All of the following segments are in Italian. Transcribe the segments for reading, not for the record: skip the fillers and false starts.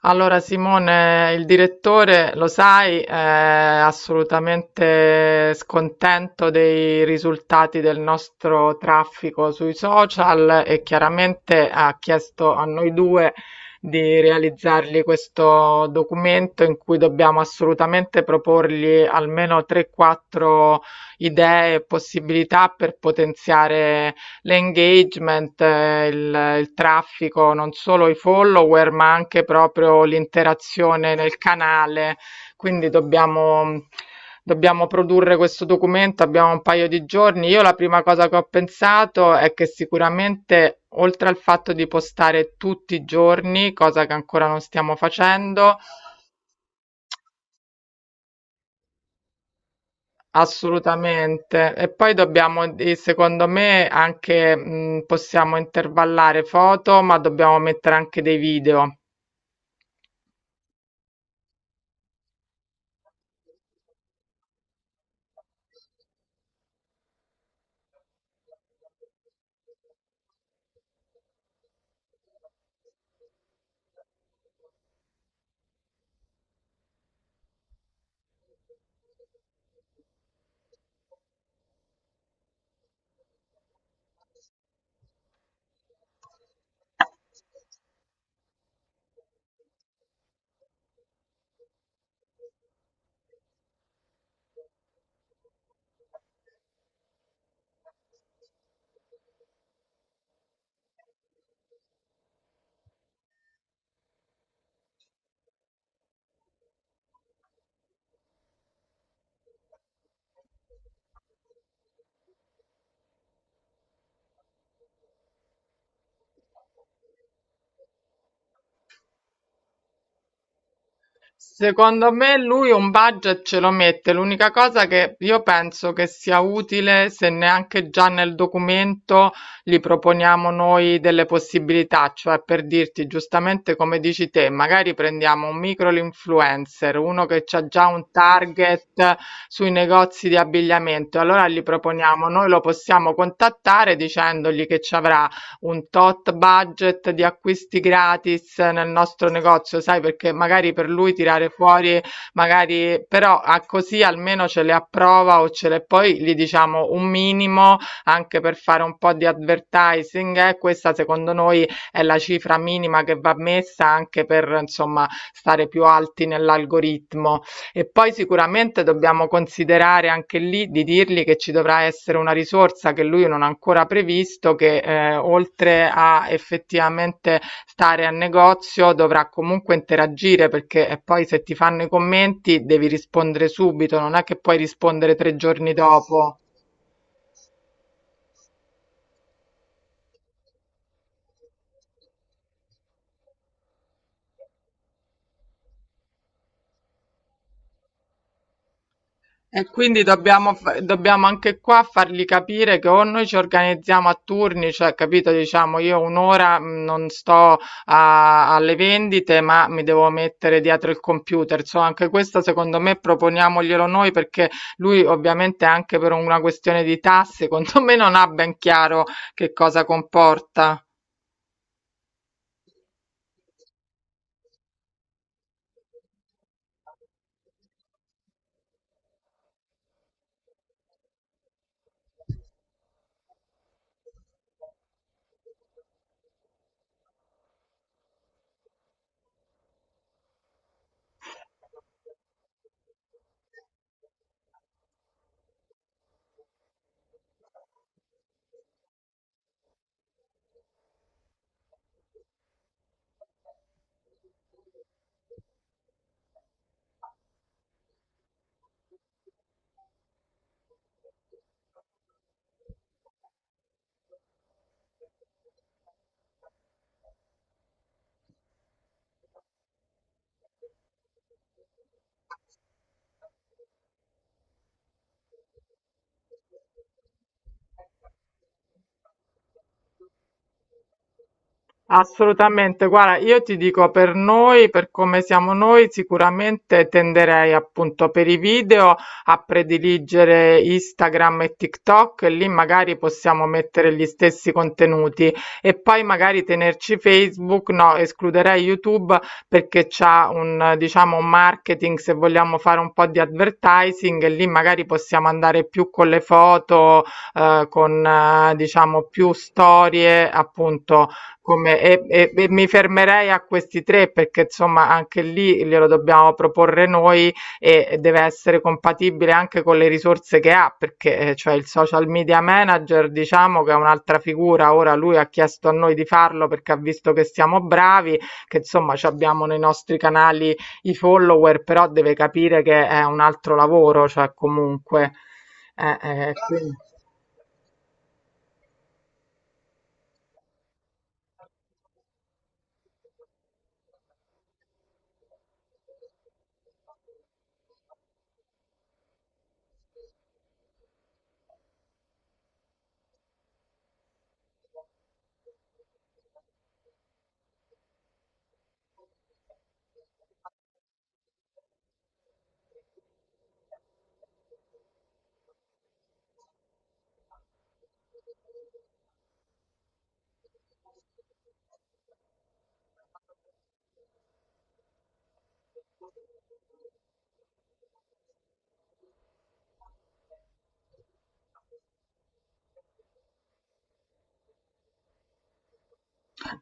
Allora Simone, il direttore, lo sai, è assolutamente scontento dei risultati del nostro traffico sui social e chiaramente ha chiesto a noi due di realizzargli questo documento in cui dobbiamo assolutamente proporgli almeno 3-4 idee e possibilità per potenziare l'engagement, il traffico, non solo i follower, ma anche proprio l'interazione nel canale. Quindi dobbiamo produrre questo documento, abbiamo un paio di giorni. Io la prima cosa che ho pensato è che sicuramente, oltre al fatto di postare tutti i giorni, cosa che ancora non stiamo facendo, assolutamente. E poi dobbiamo, secondo me, anche possiamo intervallare foto, ma dobbiamo mettere anche dei video. Secondo me lui un budget ce lo mette, l'unica cosa che io penso che sia utile se neanche già nel documento gli proponiamo noi delle possibilità, cioè per dirti giustamente come dici te, magari prendiamo un micro influencer, uno che ha già un target sui negozi di abbigliamento, allora gli proponiamo, noi lo possiamo contattare dicendogli che ci avrà un tot budget di acquisti gratis nel nostro negozio, sai, perché magari per lui tirare fuori, magari, però a così almeno ce le approva o ce le poi gli diciamo un minimo anche per fare un po' di advertising. Questa secondo noi è la cifra minima che va messa anche per insomma stare più alti nell'algoritmo. E poi sicuramente dobbiamo considerare anche lì di dirgli che ci dovrà essere una risorsa che lui non ha ancora previsto, che oltre a effettivamente stare a negozio dovrà comunque interagire perché poi se ti fanno i commenti devi rispondere subito, non è che puoi rispondere tre giorni dopo. E quindi dobbiamo, dobbiamo anche qua fargli capire che o noi ci organizziamo a turni, cioè capito, diciamo io un'ora non sto alle vendite, ma mi devo mettere dietro il computer. So, anche questo secondo me proponiamoglielo noi perché lui ovviamente anche per una questione di tasse, secondo me non ha ben chiaro che cosa comporta. Assolutamente, guarda, io ti dico per noi, per come siamo noi, sicuramente tenderei appunto per i video a prediligere Instagram e TikTok e lì magari possiamo mettere gli stessi contenuti e poi magari tenerci Facebook, no, escluderei YouTube perché c'ha un, diciamo, un marketing se vogliamo fare un po' di advertising e lì magari possiamo andare più con le foto, con, diciamo, più storie appunto come e mi fermerei a questi 3 perché insomma anche lì glielo dobbiamo proporre noi e deve essere compatibile anche con le risorse che ha, perché, cioè il social media manager diciamo che è un'altra figura. Ora lui ha chiesto a noi di farlo perché ha visto che siamo bravi, che insomma c'abbiamo nei nostri canali i follower, però deve capire che è un altro lavoro, cioè comunque. Quin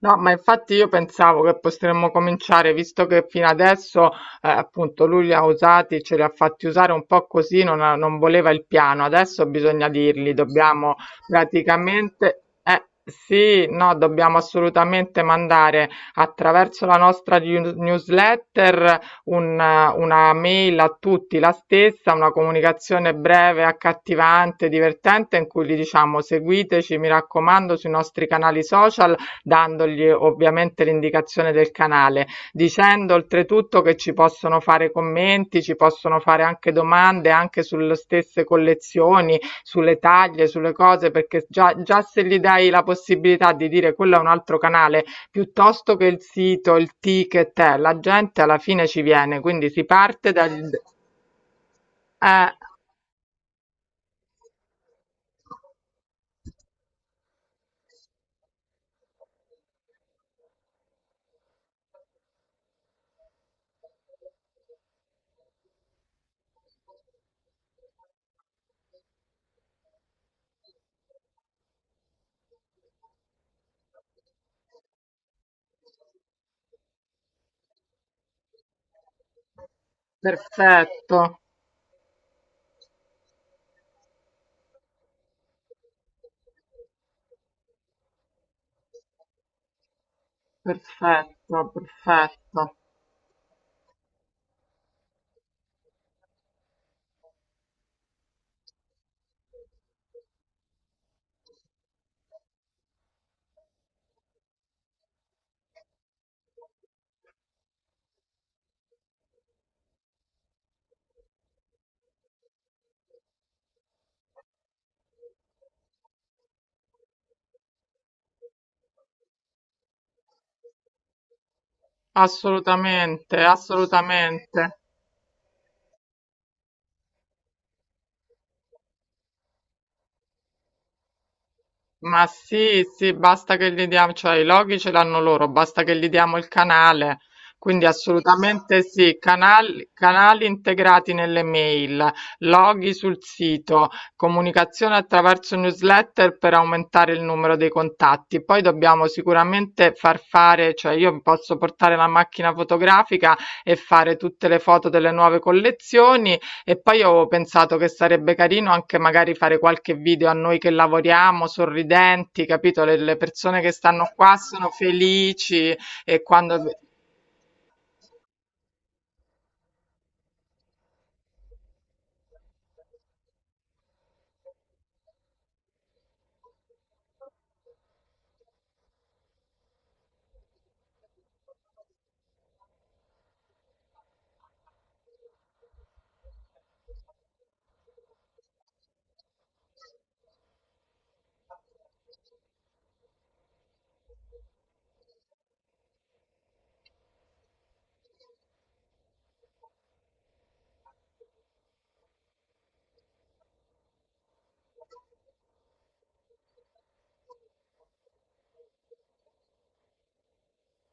No, ma infatti io pensavo che potremmo cominciare, visto che fino adesso, appunto, lui li ha usati, ce li ha fatti usare un po' così, non, non voleva il piano. Adesso bisogna dirgli, dobbiamo praticamente, sì, no, dobbiamo assolutamente mandare attraverso la nostra newsletter un- una mail a tutti, la stessa, una comunicazione breve, accattivante, divertente, in cui gli diciamo seguiteci, mi raccomando, sui nostri canali social dandogli ovviamente l'indicazione del canale, dicendo oltretutto che ci possono fare commenti, ci possono fare anche domande anche sulle stesse collezioni, sulle taglie, sulle cose, perché già, già se gli dai la possibilità di dire quello è un altro canale, piuttosto che il sito, il ticket, la gente alla fine ci viene, quindi si parte dal... Eh, perfetto, perfetto, perfetto, assolutamente, assolutamente. Ma sì, sì, basta che gli diamo, cioè i loghi ce l'hanno loro, basta che gli diamo il canale. Quindi assolutamente sì, canali, canali integrati nelle mail, loghi sul sito, comunicazione attraverso newsletter per aumentare il numero dei contatti. Poi dobbiamo sicuramente far fare, cioè io posso portare la macchina fotografica e fare tutte le foto delle nuove collezioni e poi ho pensato che sarebbe carino anche magari fare qualche video a noi che lavoriamo, sorridenti, capito? Le persone che stanno qua sono felici e quando...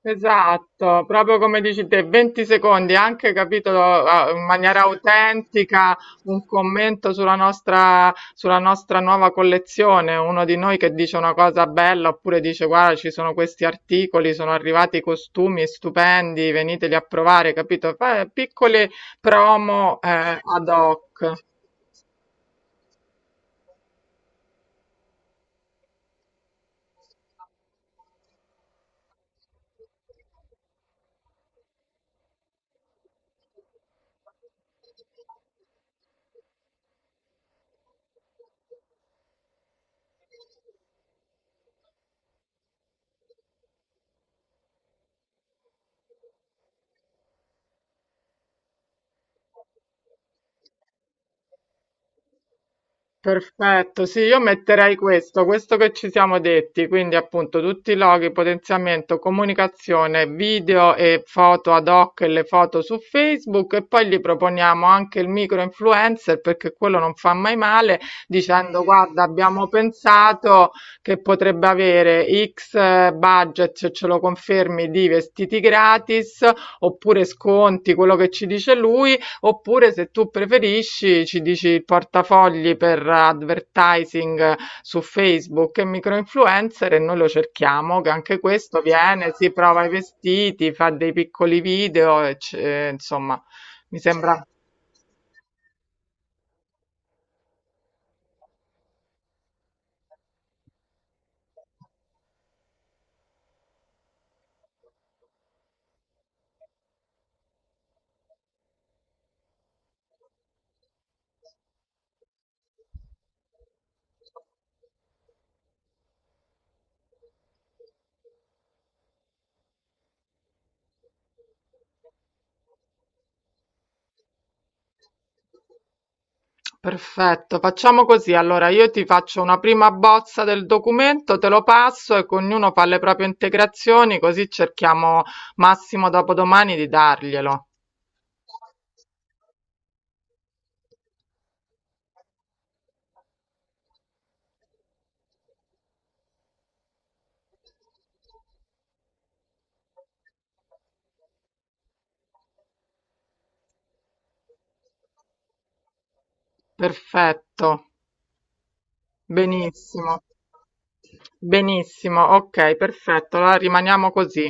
Esatto, proprio come dici te, 20 secondi, anche capito in maniera autentica, un commento sulla nostra nuova collezione, uno di noi che dice una cosa bella oppure dice guarda ci sono questi articoli, sono arrivati costumi stupendi, veniteli a provare, capito? Piccole promo ad hoc. Perfetto, sì, io metterei questo, questo che ci siamo detti, quindi appunto tutti i loghi, potenziamento, comunicazione, video e foto ad hoc e le foto su Facebook e poi gli proponiamo anche il micro influencer perché quello non fa mai male dicendo guarda abbiamo pensato che potrebbe avere X budget se ce lo confermi di vestiti gratis oppure sconti, quello che ci dice lui. Oppure, se tu preferisci, ci dici il portafogli per advertising su Facebook e microinfluencer e noi lo cerchiamo, che anche questo viene, si prova i vestiti, fa dei piccoli video, e insomma, mi sembra perfetto. Facciamo così, allora io ti faccio una prima bozza del documento, te lo passo e ognuno fa le proprie integrazioni, così cerchiamo massimo dopodomani di darglielo. Perfetto. Benissimo, benissimo, ok, perfetto, allora rimaniamo così.